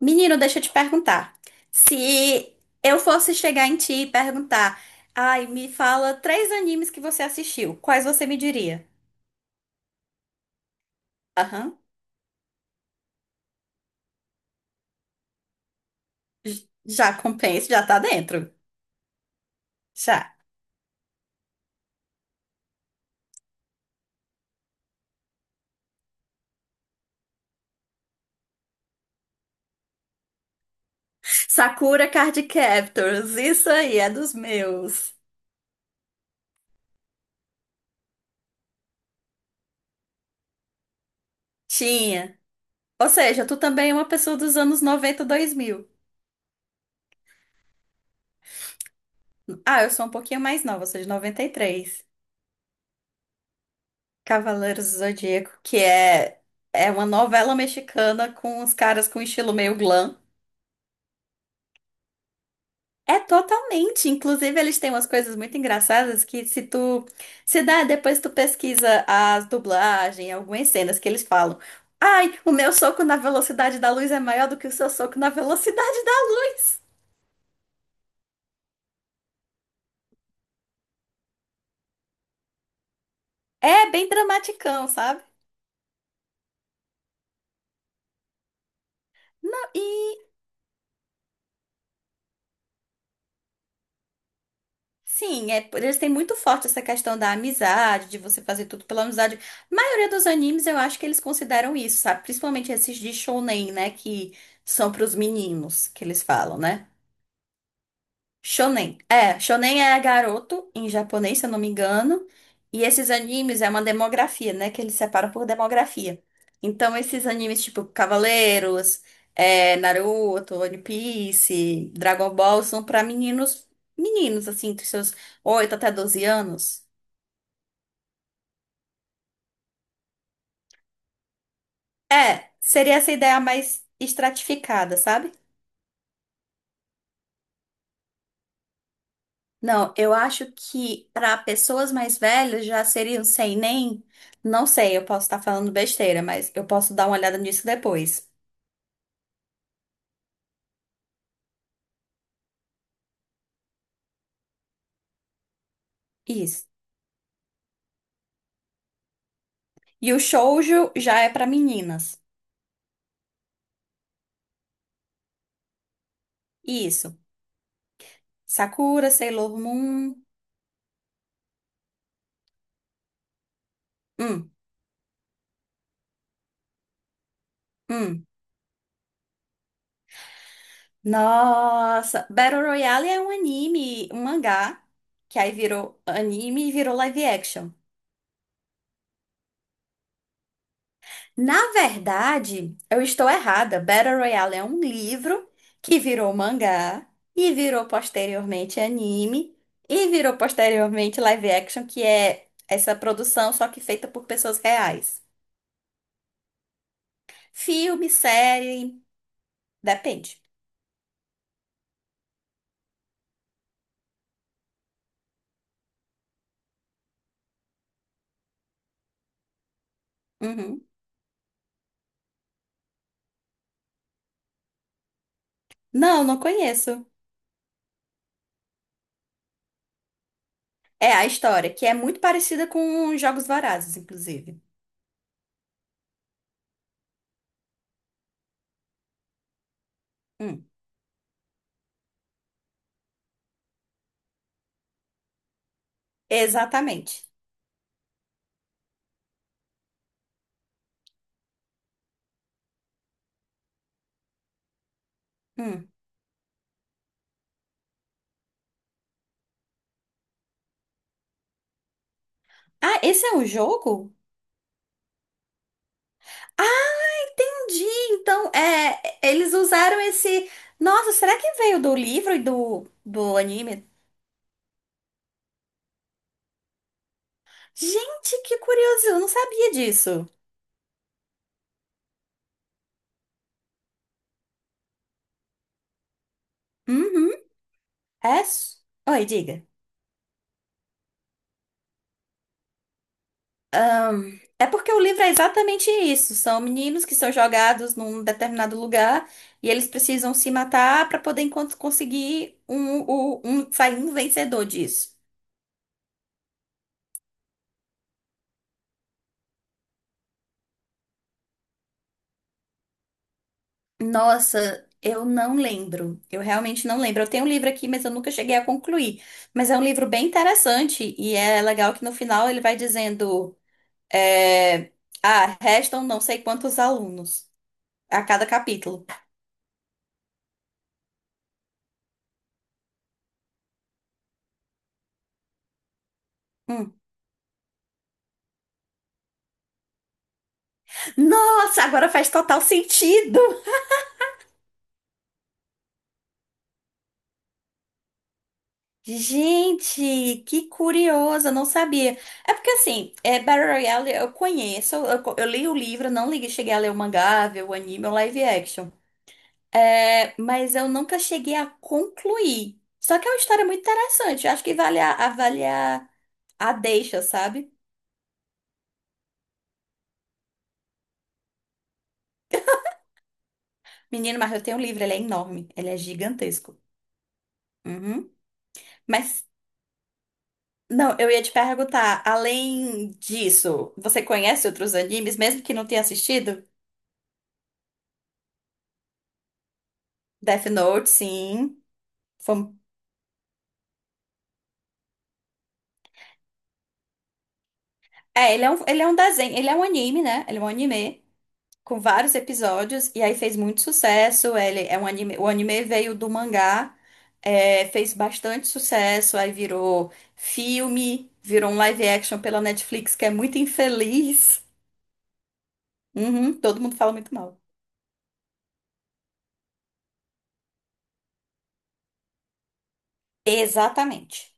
Menino, deixa eu te perguntar. Se eu fosse chegar em ti e perguntar, ai, me fala três animes que você assistiu, quais você me diria? Aham, já compensa, já tá dentro. Já. Sakura Card Captors, isso aí, é dos meus. Tinha. Ou seja, tu também é uma pessoa dos anos 90 2000. Ah, eu sou um pouquinho mais nova, eu sou de 3. Cavaleiros do Zodíaco, é uma novela mexicana com os caras com estilo meio glam. É totalmente. Inclusive, eles têm umas coisas muito engraçadas que se tu se dá, depois tu pesquisa as dublagens, algumas cenas que eles falam. Ai, o meu soco na velocidade da luz é maior do que o seu soco na velocidade da. É bem dramaticão, sabe? Não, e sim, é, eles têm muito forte essa questão da amizade, de você fazer tudo pela amizade. A maioria dos animes eu acho que eles consideram isso, sabe? Principalmente esses de shounen, né? Que são pros meninos que eles falam, né? Shonen. É, shonen é garoto em japonês, se eu não me engano. E esses animes é uma demografia, né? Que eles separam por demografia. Então, esses animes tipo Cavaleiros, é, Naruto, One Piece, Dragon Ball são pra meninos, meninos, assim, dos seus 8 até 12 anos. É, seria essa ideia mais estratificada, sabe? Não, eu acho que para pessoas mais velhas já seriam um sem nem. Não sei, eu posso estar falando besteira, mas eu posso dar uma olhada nisso depois. Isso. E o shoujo já é para meninas. Isso. Sakura, Sailor Moon. Hum, hum. Nossa, Battle Royale é um anime, um mangá, que aí virou anime e virou live action. Na verdade, eu estou errada. Battle Royale é um livro que virou mangá e virou posteriormente anime e virou posteriormente live action, que é essa produção só que feita por pessoas reais. Filme, série, depende. Uhum. Não, não conheço. É a história, que é muito parecida com Jogos Vorazes, inclusive. Hum. Exatamente. Hum. Ah, esse é um jogo? Ah, entendi. Então, é, eles usaram esse. Nossa, será que veio do livro e do anime? Gente, que curioso! Eu não sabia disso. Uhum. É. s- Oi, diga. Ah, é porque o livro é exatamente isso. São meninos que são jogados num determinado lugar e eles precisam se matar para poder encon- conseguir um, o- um, sair um vencedor disso. Nossa, eu não lembro. Eu realmente não lembro. Eu tenho um livro aqui, mas eu nunca cheguei a concluir. Mas é um livro bem interessante e é legal que no final ele vai dizendo, é, ah, restam não sei quantos alunos a cada capítulo. Hum. Nossa, agora faz total sentido. Gente, que curiosa, não sabia. É porque assim, é, Battle Royale eu conheço, eu, co- eu li o livro, não li, cheguei a ler o mangá, ver o anime, o live action. É, mas eu nunca cheguei a concluir. Só que é uma história muito interessante. Eu acho que vale a, avaliar a deixa, sabe? Menino, mas eu tenho um livro, ele é enorme, ele é gigantesco. Uhum. Mas, não, eu ia te perguntar, além disso, você conhece outros animes, mesmo que não tenha assistido? Death Note, sim. Fom- É, ele é um desenho, ele é um anime, né? Ele é um anime com vários episódios, e aí fez muito sucesso. Ele é um anime, o anime veio do mangá, é, fez bastante sucesso, aí virou filme, virou um live action pela Netflix, que é muito infeliz. Uhum, todo mundo fala muito mal. Exatamente.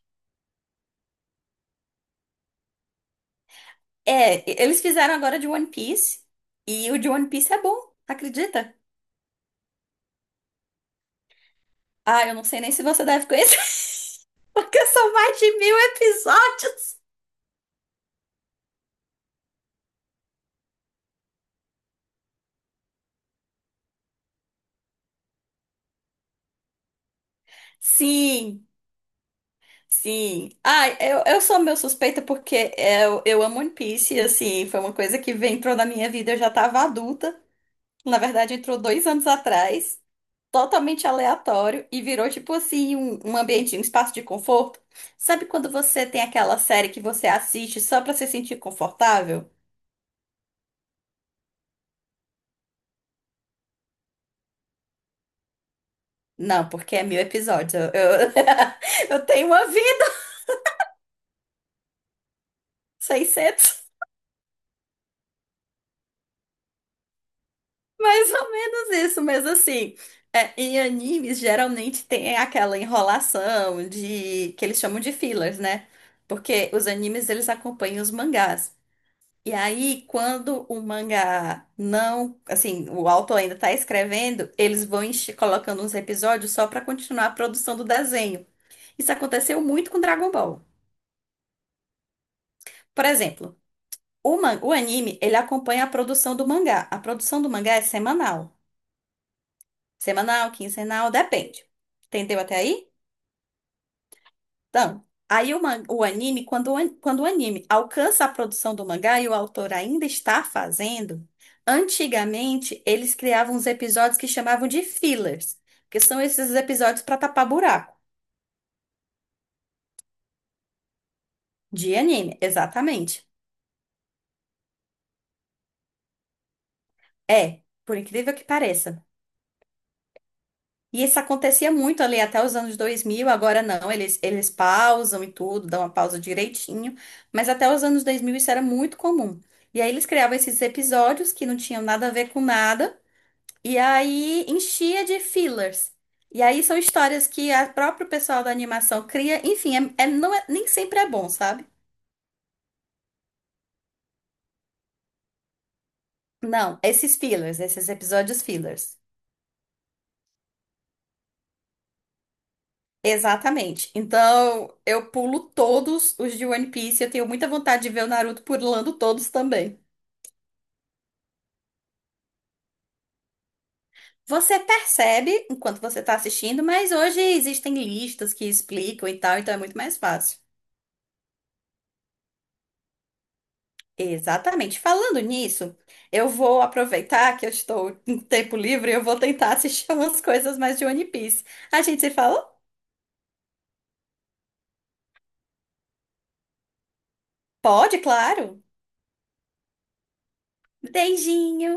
É, e- eles fizeram agora de One Piece, e o de One Piece é bom, acredita? Ah, eu não sei nem se você deve conhecer, porque são mais de 1.000 episódios. Sim. Sim. Ah, eu sou meio suspeita porque eu amo One Piece, e, assim, foi uma coisa que vem- entrou na minha vida, eu já tava adulta. Na verdade, entrou 2 anos atrás, totalmente aleatório, e virou, tipo assim, um ambiente, um espaço de conforto. Sabe quando você tem aquela série que você assiste só pra se sentir confortável? Não, porque é 1.000 episódios. Eu tenho uma vida, 600. Mais ou menos isso, mas assim, é, em animes geralmente tem aquela enrolação de que eles chamam de fillers, né? Porque os animes eles acompanham os mangás. E aí, quando o mangá não, assim, o autor ainda tá escrevendo, eles vão enche- colocando uns episódios só pra continuar a produção do desenho. Isso aconteceu muito com Dragon Ball. Por exemplo, o, man- o anime, ele acompanha a produção do mangá. A produção do mangá é semanal. Semanal, quinzenal, depende. Entendeu até aí? Então, aí o, man- o anime, quando o, an- quando o anime alcança a produção do mangá e o autor ainda está fazendo, antigamente eles criavam uns episódios que chamavam de fillers, que são esses episódios para tapar buraco de anime, exatamente. É, por incrível que pareça. E isso acontecia muito ali até os anos 2000, agora não, eles pausam e tudo, dão uma pausa direitinho, mas até os anos 2000 isso era muito comum. E aí eles criavam esses episódios que não tinham nada a ver com nada, e aí enchia de fillers. E aí são histórias que a próprio pessoal da animação cria, enfim, é, é- não é, nem sempre é bom, sabe? Não, esses fillers, esses episódios fillers. Exatamente. Então, eu pulo todos os de One Piece. Eu tenho muita vontade de ver o Naruto pulando todos também. Você percebe enquanto você está assistindo, mas hoje existem listas que explicam e tal, então é muito mais fácil. Exatamente. Falando nisso, eu vou aproveitar que eu estou em tempo livre e eu vou tentar assistir umas coisas mais de One Piece. A gente se fala? Pode, claro. Beijinho.